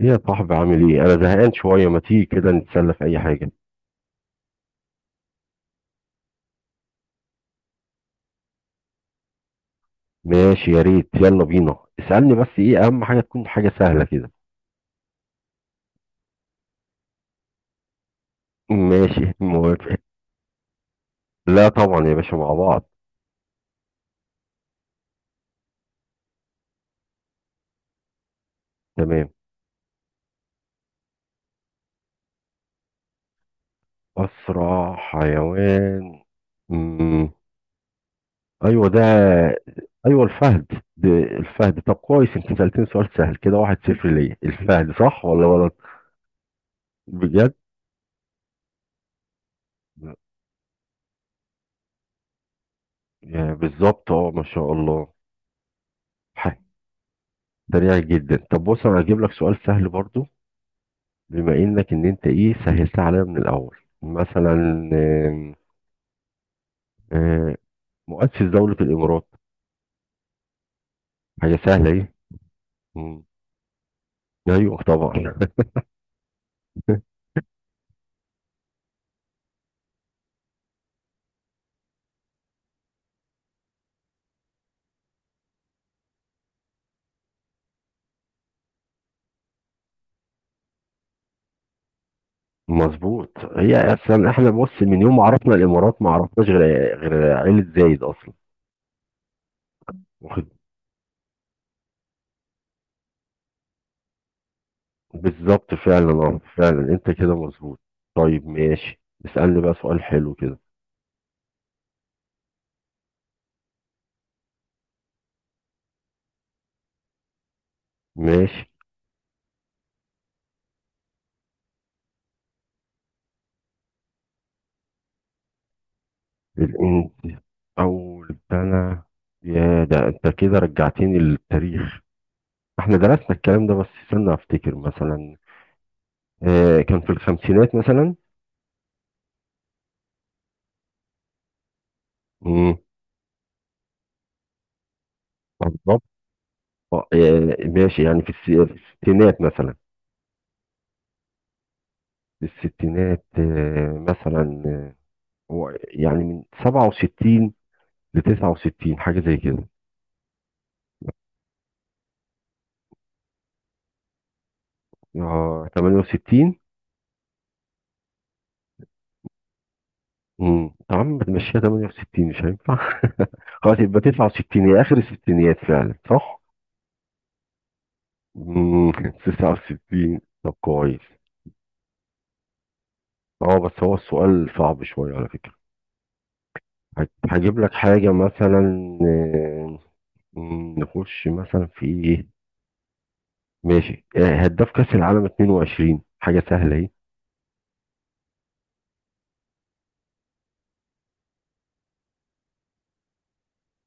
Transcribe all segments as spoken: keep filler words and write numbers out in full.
ايه يا صاحبي، عامل ايه؟ انا زهقان شويه، ما تيجي كده نتسلى في اي حاجه؟ ماشي يا ريت، يلا بينا. اسالني بس، ايه اهم حاجه تكون حاجه سهله كده. ماشي موافق. لا طبعا يا باشا، مع بعض. تمام. اسرع حيوان. مم. ايوه ده. ايوه الفهد. ده الفهد. طب كويس، انت سالتني سؤال سهل كده، واحد صفر ليا. الفهد، صح ولا غلط؟ بجد؟ يعني بالظبط، اه ما شاء الله. ح- سريع جدا. طب بص، انا هجيب لك سؤال سهل برضو، بما انك ان انت ايه سهلتها عليا من الاول مثلا. آم، آم، مؤسس دولة الامارات. حاجة سهلة. ايه؟ مم. ايوه طبعا. مظبوط، هي اصلا احنا بص من يوم ما عرفنا الامارات ما عرفناش غير غير عيلة زايد اصلا. واخد. بالظبط فعلا، اه فعلا انت كده مظبوط. طيب ماشي، اسألني بقى سؤال حلو كده. ماشي. الانت. اول سنة. يا ده انت كده رجعتني للتاريخ. احنا درسنا الكلام ده، بس استنى افتكر مثلا. آه، كان في الخمسينات مثلا. امم. بالظبط. آه، آه، ماشي، يعني في الس- في الستينات مثلا. في الستينات، آه، مثلا. آه، هو يعني من سبعة وستين ل تسعة وستين، حاجة زي كده. اه ثمانية وستين. امم، يا عم بتمشيها، ثمانية وستين مش هينفع. خلاص يبقى تسعة وستين، هي اخر الستينات فعلا، صح؟ امم. تسعة وستين، طب كويس. اه بس هو السؤال صعب شوية على فكرة. هج- هجيب لك حاجة مثلا. آه، م- نخش مثلا في ايه. ماشي، آه، هداف كأس العالم اثنين وعشرين، حاجة سهلة اهي.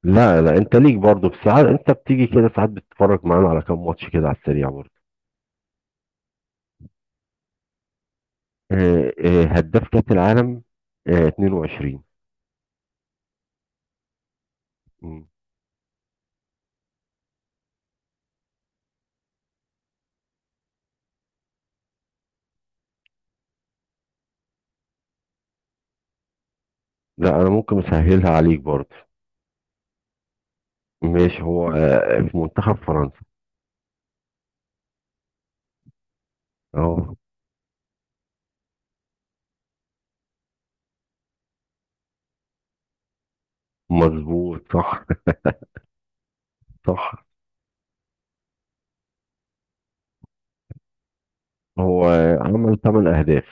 لا لا، انت ليك برضه، بس ساعات انت بتيجي كده، ساعات بتتفرج معانا على كام ماتش كده على السريع برضه. آه، آه، هداف كأس العالم، آه، اثنين وعشرين. مم. لا انا ممكن اسهلها عليك برضه. ماشي، هو آه، في منتخب فرنسا. اه. مظبوط، صح. صح. هو آه، عمل ثمانية اهداف.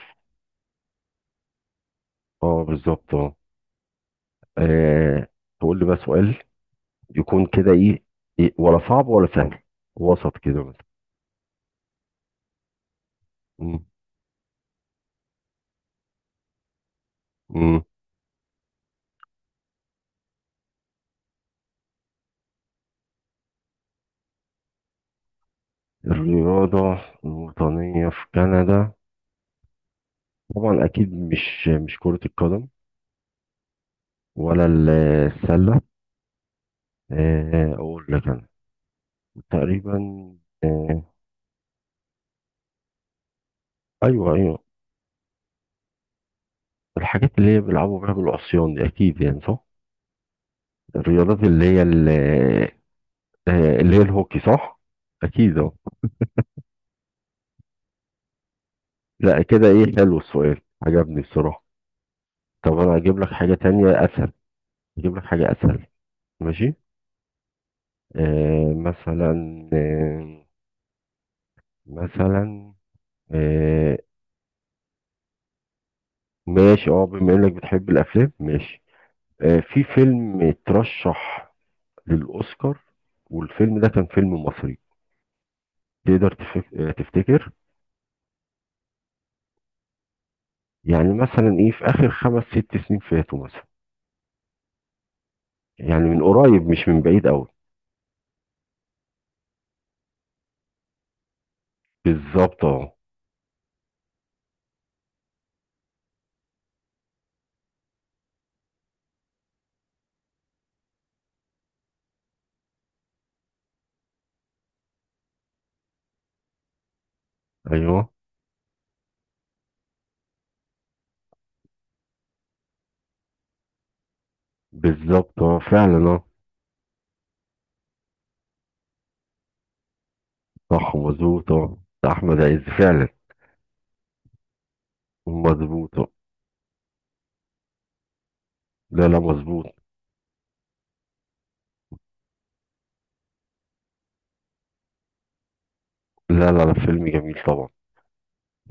اه بالظبط اه. آه. تقول لي بقى سؤال، يكون كده ايه، إيه، ولا صعب ولا سهل، وسط كده مثلا. مم. مم. الرياضة الوطنية في كندا. طبعا أكيد مش مش كرة القدم، ولا ال- السلة. آه، أقول لك أنا تقريبا. آه، أيوه أيوه. الحاجات اللي هي بيلعبوا بيها بالعصيان دي أكيد، يعني صح. الرياضات اللي هي ال- آه، اللي هي الهوكي، صح. أكيد أهو. لا كده، إيه حلو السؤال، عجبني بصراحة. طب انا اجيب لك حاجة تانية اسهل. اجيب لك حاجة اسهل. ماشي. آه مثلا آه مثلا آه ماشي، اه بما انك بتحب الافلام ماشي. آه في فيلم اترشح للاوسكار، والفيلم ده كان فيلم مصري، تقدر تف- آه، تفتكر. يعني مثلا ايه، في اخر خمس ست سنين فاتوا مثلا، يعني من قريب مش من بعيد قوي. بالظبط اه. ايوه بالظبط، اه فعلا اه. صح مظبوط اه، ده احمد عز فعلا. مظبوط. لا لا مظبوط. لا لا لا، فيلم جميل طبعا.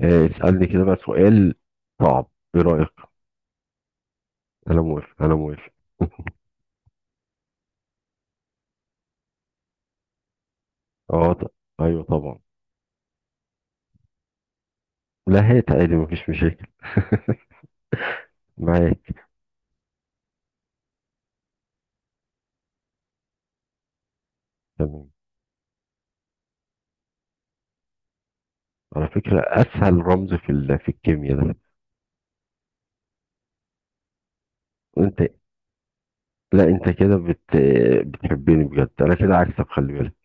آه، اسألني كده بقى سؤال صعب، ايه رأيك؟ انا موافق انا موافق. اه ط- ايوه طبعا. لا هات عادي، مفيش مشاكل معاك. تمام. على فكرة اسهل رمز في ال... في الكيمياء ده. انت، لا انت كده بت... بتحبني بجد، انا كده عكسك، خلي بالك.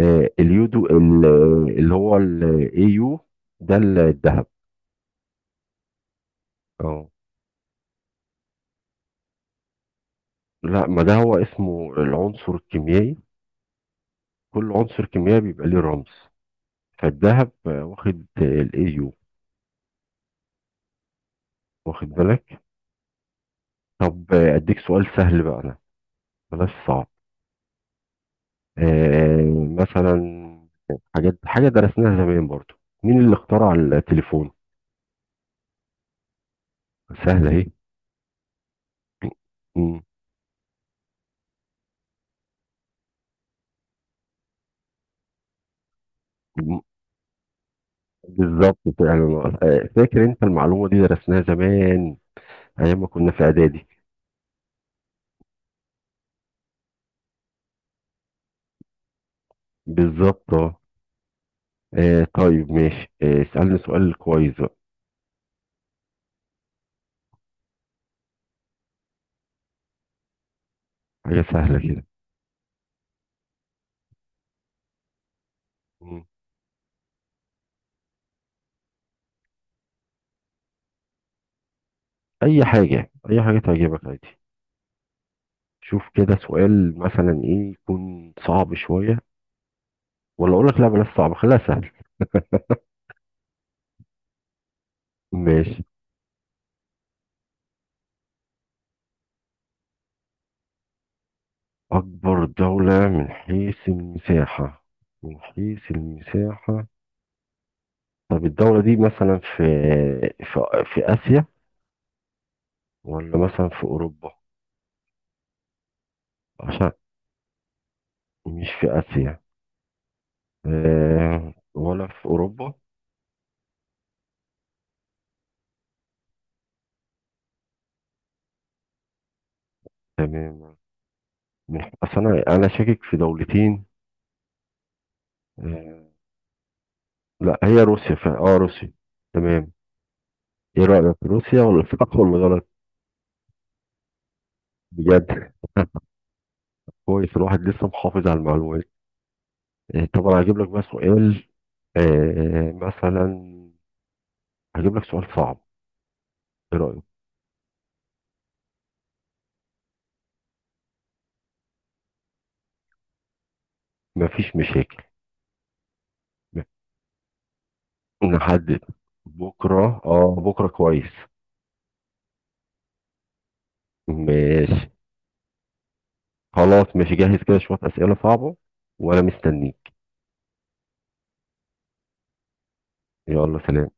آه، اليودو ال... اللي هو الاي يو، ده الذهب. اه. لا ما ده هو اسمه العنصر الكيميائي، كل عنصر كيميائي بيبقى ليه رمز، فالذهب آه، واخد الايو. واخد بالك. طب آه، اديك سؤال سهل بقى انا، بلاش صعب. آه، مثلا حاجات، حاجه درسناها زمان برضو. مين اللي اخترع التليفون؟ سهله اهي. مم. بالظبط فعلا، آه، فاكر انت المعلومه دي درسناها زمان، ايام ما كنا في اعدادي. بالظبط اه. آه، طيب ماشي، آه، اسالني سؤال كويس بقى، حاجه سهله كده. مم. اي حاجه اي حاجه تعجبك عادي. شوف كده سؤال مثلا ايه، يكون صعب شوية، ولا اقول لك لا بلاش صعب، خليها سهل. ماشي. اكبر دولة من حيث المساحة. من حيث المساحة. طب الدولة دي مثلا في، في، في اسيا ولا مثلا في اوروبا؟ عشان. مش في اسيا. آه، ولا في اوروبا؟ تمام. من اصل انا انا شاكك في دولتين. آه، لا هي روسيا ف... اه روسيا. تمام. ايه رأيك؟ روسيا ولا صح ولا غلط؟ بجد. كويس، الواحد لسه محافظ على المعلومات. آه، طب انا هجيب لك بقى سؤال، آه، مثلا هجيب لك سؤال صعب، ايه رايك؟ مفيش مشاكل. نحدد. بكره، اه بكره كويس. ماشي. خلاص ماشي، جاهز كده شويه اسئله صعبه وانا مستنيك. يلا سلام